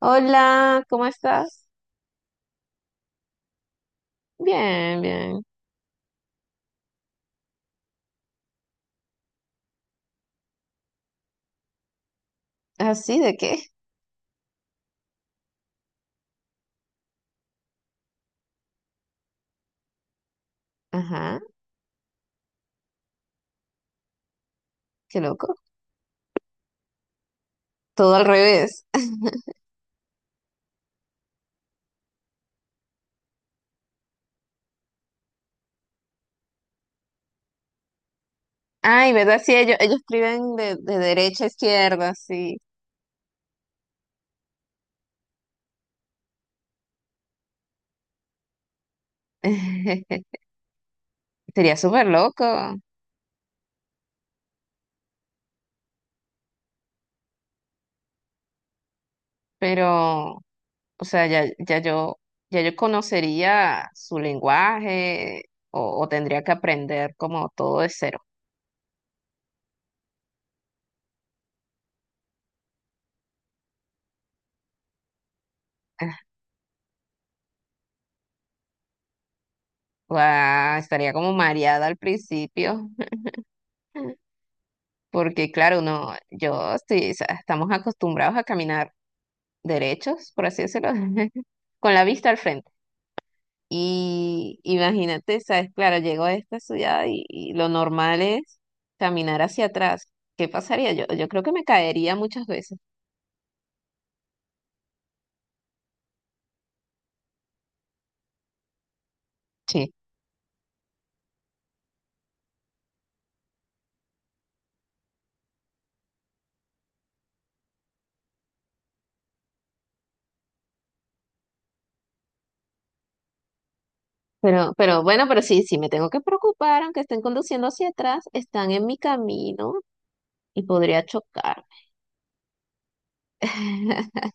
Hola, ¿cómo estás? Bien, bien. ¿Así de qué? Ajá, qué loco. Todo al revés. Ay, ¿verdad? Sí, ellos escriben de derecha a izquierda, sí. Sería súper loco, pero, o sea, ya yo conocería su lenguaje o tendría que aprender como todo de cero. Guau, estaría como mareada al principio. Porque claro, uno, yo estoy, o sea, estamos acostumbrados a caminar derechos, por así decirlo, con la vista al frente. Y imagínate, sabes, claro, llego a esta ciudad y lo normal es caminar hacia atrás. ¿Qué pasaría? Yo creo que me caería muchas veces. Sí. Pero bueno, pero sí, sí me tengo que preocupar, aunque estén conduciendo hacia atrás, están en mi camino y podría chocarme.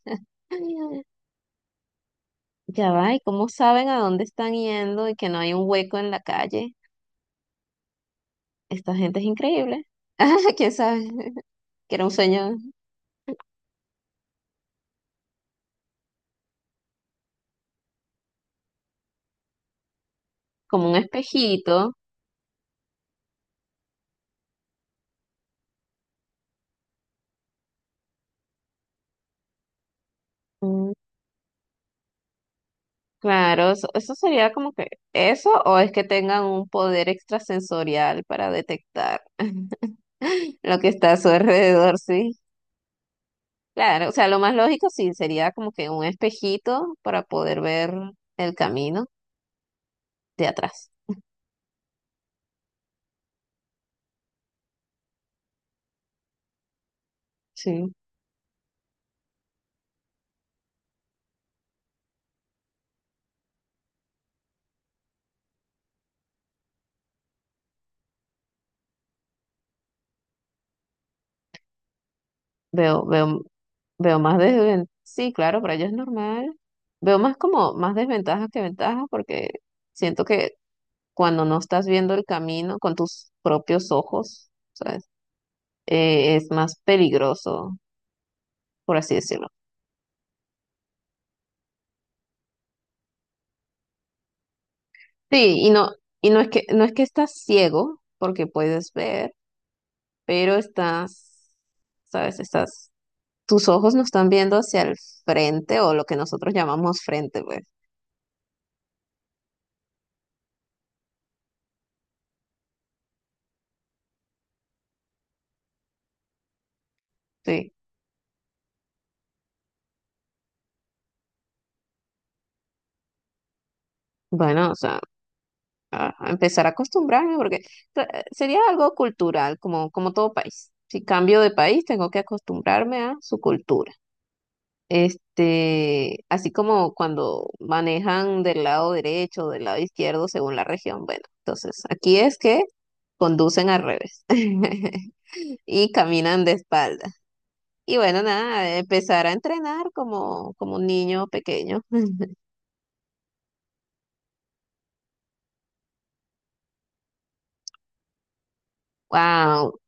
Ya va, ¿y cómo saben a dónde están yendo y que no hay un hueco en la calle? Esta gente es increíble. ¿Quién sabe? Que era un sueño como un espejito. Mm, Claro, eso sería como que eso o es que tengan un poder extrasensorial para detectar lo que está a su alrededor, sí. Claro, o sea, lo más lógico sí sería como que un espejito para poder ver el camino de atrás. Sí. Veo, veo, veo más desventajas. Sí, claro, para ella es normal. Veo más como más desventajas que ventajas porque siento que cuando no estás viendo el camino con tus propios ojos, ¿sabes? Es más peligroso, por así decirlo. Sí, y no, no es que estás ciego, porque puedes ver, pero estás, ¿sabes? Estás, tus ojos no están viendo hacia el frente o lo que nosotros llamamos frente, pues. Sí. Bueno, o sea. A empezar a acostumbrarme porque sería algo cultural, como todo país. Si cambio de país, tengo que acostumbrarme a su cultura. Este, así como cuando manejan del lado derecho o del lado izquierdo según la región. Bueno, entonces aquí es que conducen al revés y caminan de espalda. Y bueno, nada, empezar a entrenar como un niño pequeño. Wow,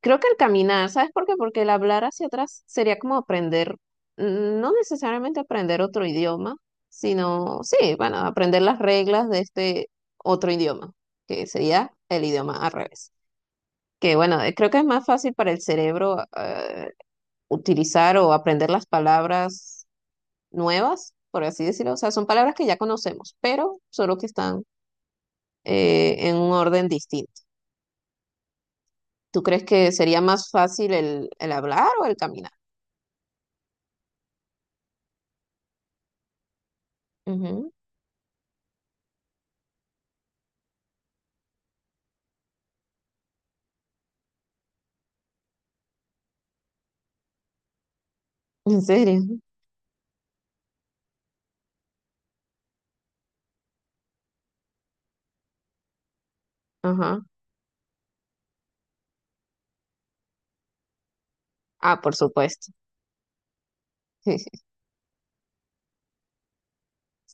creo que el caminar, ¿sabes por qué? Porque el hablar hacia atrás sería como aprender, no necesariamente aprender otro idioma, sino, sí, bueno, aprender las reglas de este otro idioma, que sería el idioma al revés. Que bueno, creo que es más fácil para el cerebro utilizar o aprender las palabras nuevas, por así decirlo. O sea, son palabras que ya conocemos, pero solo que están en un orden distinto. ¿Tú crees que sería más fácil el hablar o el caminar? Ujú. ¿En serio? Ajá. Ah, por supuesto.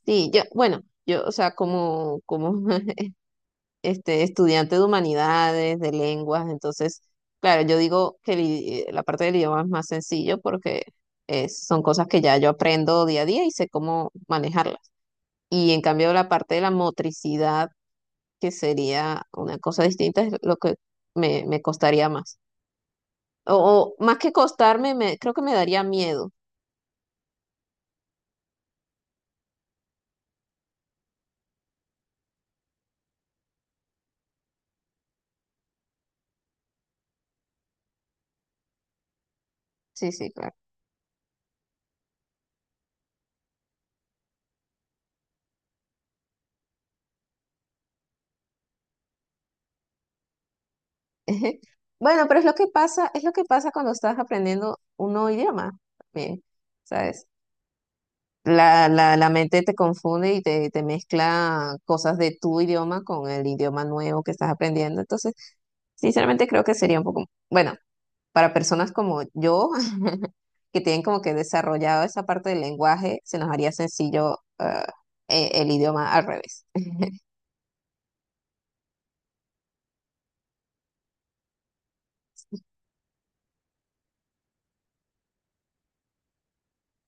Sí, yo, bueno, yo, o sea, como este, estudiante de humanidades, de lenguas, entonces, claro, yo digo que la parte del idioma es más sencillo porque son cosas que ya yo aprendo día a día y sé cómo manejarlas. Y en cambio, la parte de la motricidad, que sería una cosa distinta, es lo que me costaría más. O más que costarme, creo que me daría miedo. Sí, sí, claro. Ujú. Bueno, pero es lo que pasa, es lo que pasa cuando estás aprendiendo un nuevo idioma también, ¿sabes? La mente te confunde y te mezcla cosas de tu idioma con el idioma nuevo que estás aprendiendo. Entonces, sinceramente creo que sería un poco, bueno, para personas como yo, que tienen como que desarrollado esa parte del lenguaje, se nos haría sencillo el idioma al revés.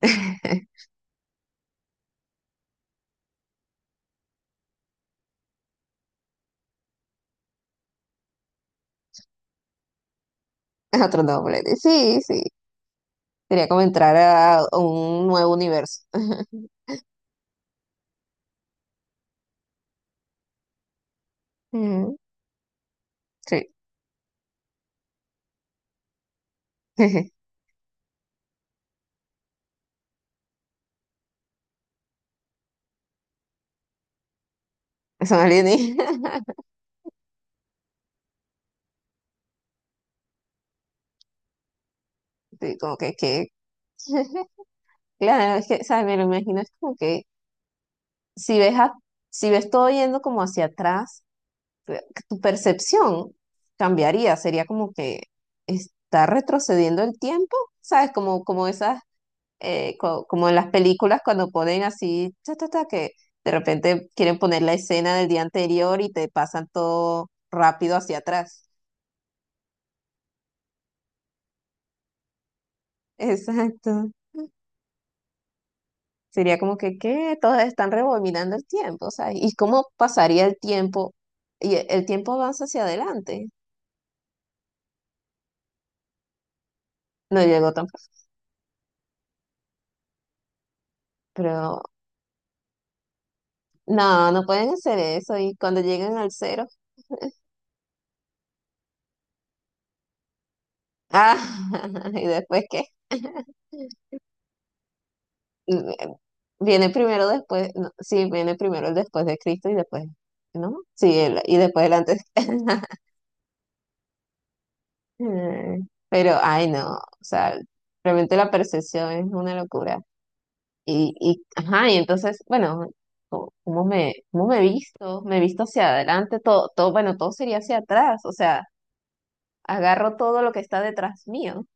Otro nombre. Sí, sí. Sería como entrar a un nuevo universo. Mm, sí, son alienígenas. Sí, como que... Claro, es que, ¿sabes? Me lo imagino, es como que si ves, a- si ves todo yendo como hacia atrás, eh, tu percepción cambiaría, sería como que está retrocediendo el tiempo, ¿sabes? Como esas, como en las películas cuando ponen así, ta, ta, ta, que de repente quieren poner la escena del día anterior y te pasan todo rápido hacia atrás. Exacto. Sería como que, ¿qué? Todas están rebobinando el tiempo, ¿sabes? ¿Y cómo pasaría el tiempo? El tiempo avanza hacia adelante. No llegó tampoco. Pero no, no pueden hacer eso. Y cuando llegan al cero, ah, ¿y después qué? Mm, Viene primero después, no, sí, viene primero el después de Cristo y después, ¿no? Sí, y después el antes. Pero, ay, no, o sea, realmente la percepción es una locura. Y, ajá, y entonces, bueno, ¿cómo me he visto? Me he visto hacia adelante, todo, bueno, todo sería hacia atrás, o sea, agarro todo lo que está detrás mío.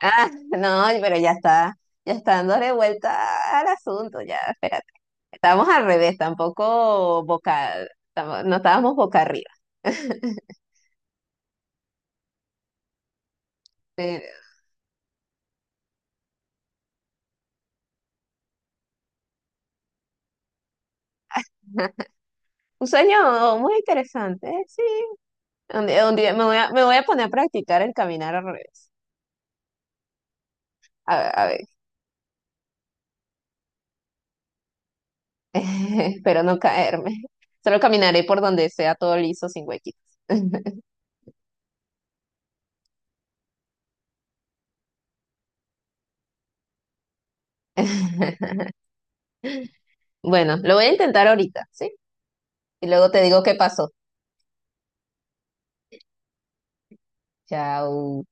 Ah, no, pero ya está, dándole vuelta al asunto, ya, espérate. Estábamos al revés, tampoco boca, no estábamos boca arriba. Pero, ajá. Un sueño muy interesante, ¿eh? Sí. Un día me voy a poner a practicar el caminar al revés. A ver, a ver. Espero no caerme. Solo caminaré por donde sea todo liso, sin huequitos. Bueno, lo voy a intentar ahorita, ¿sí? Y luego te digo qué pasó. Chao.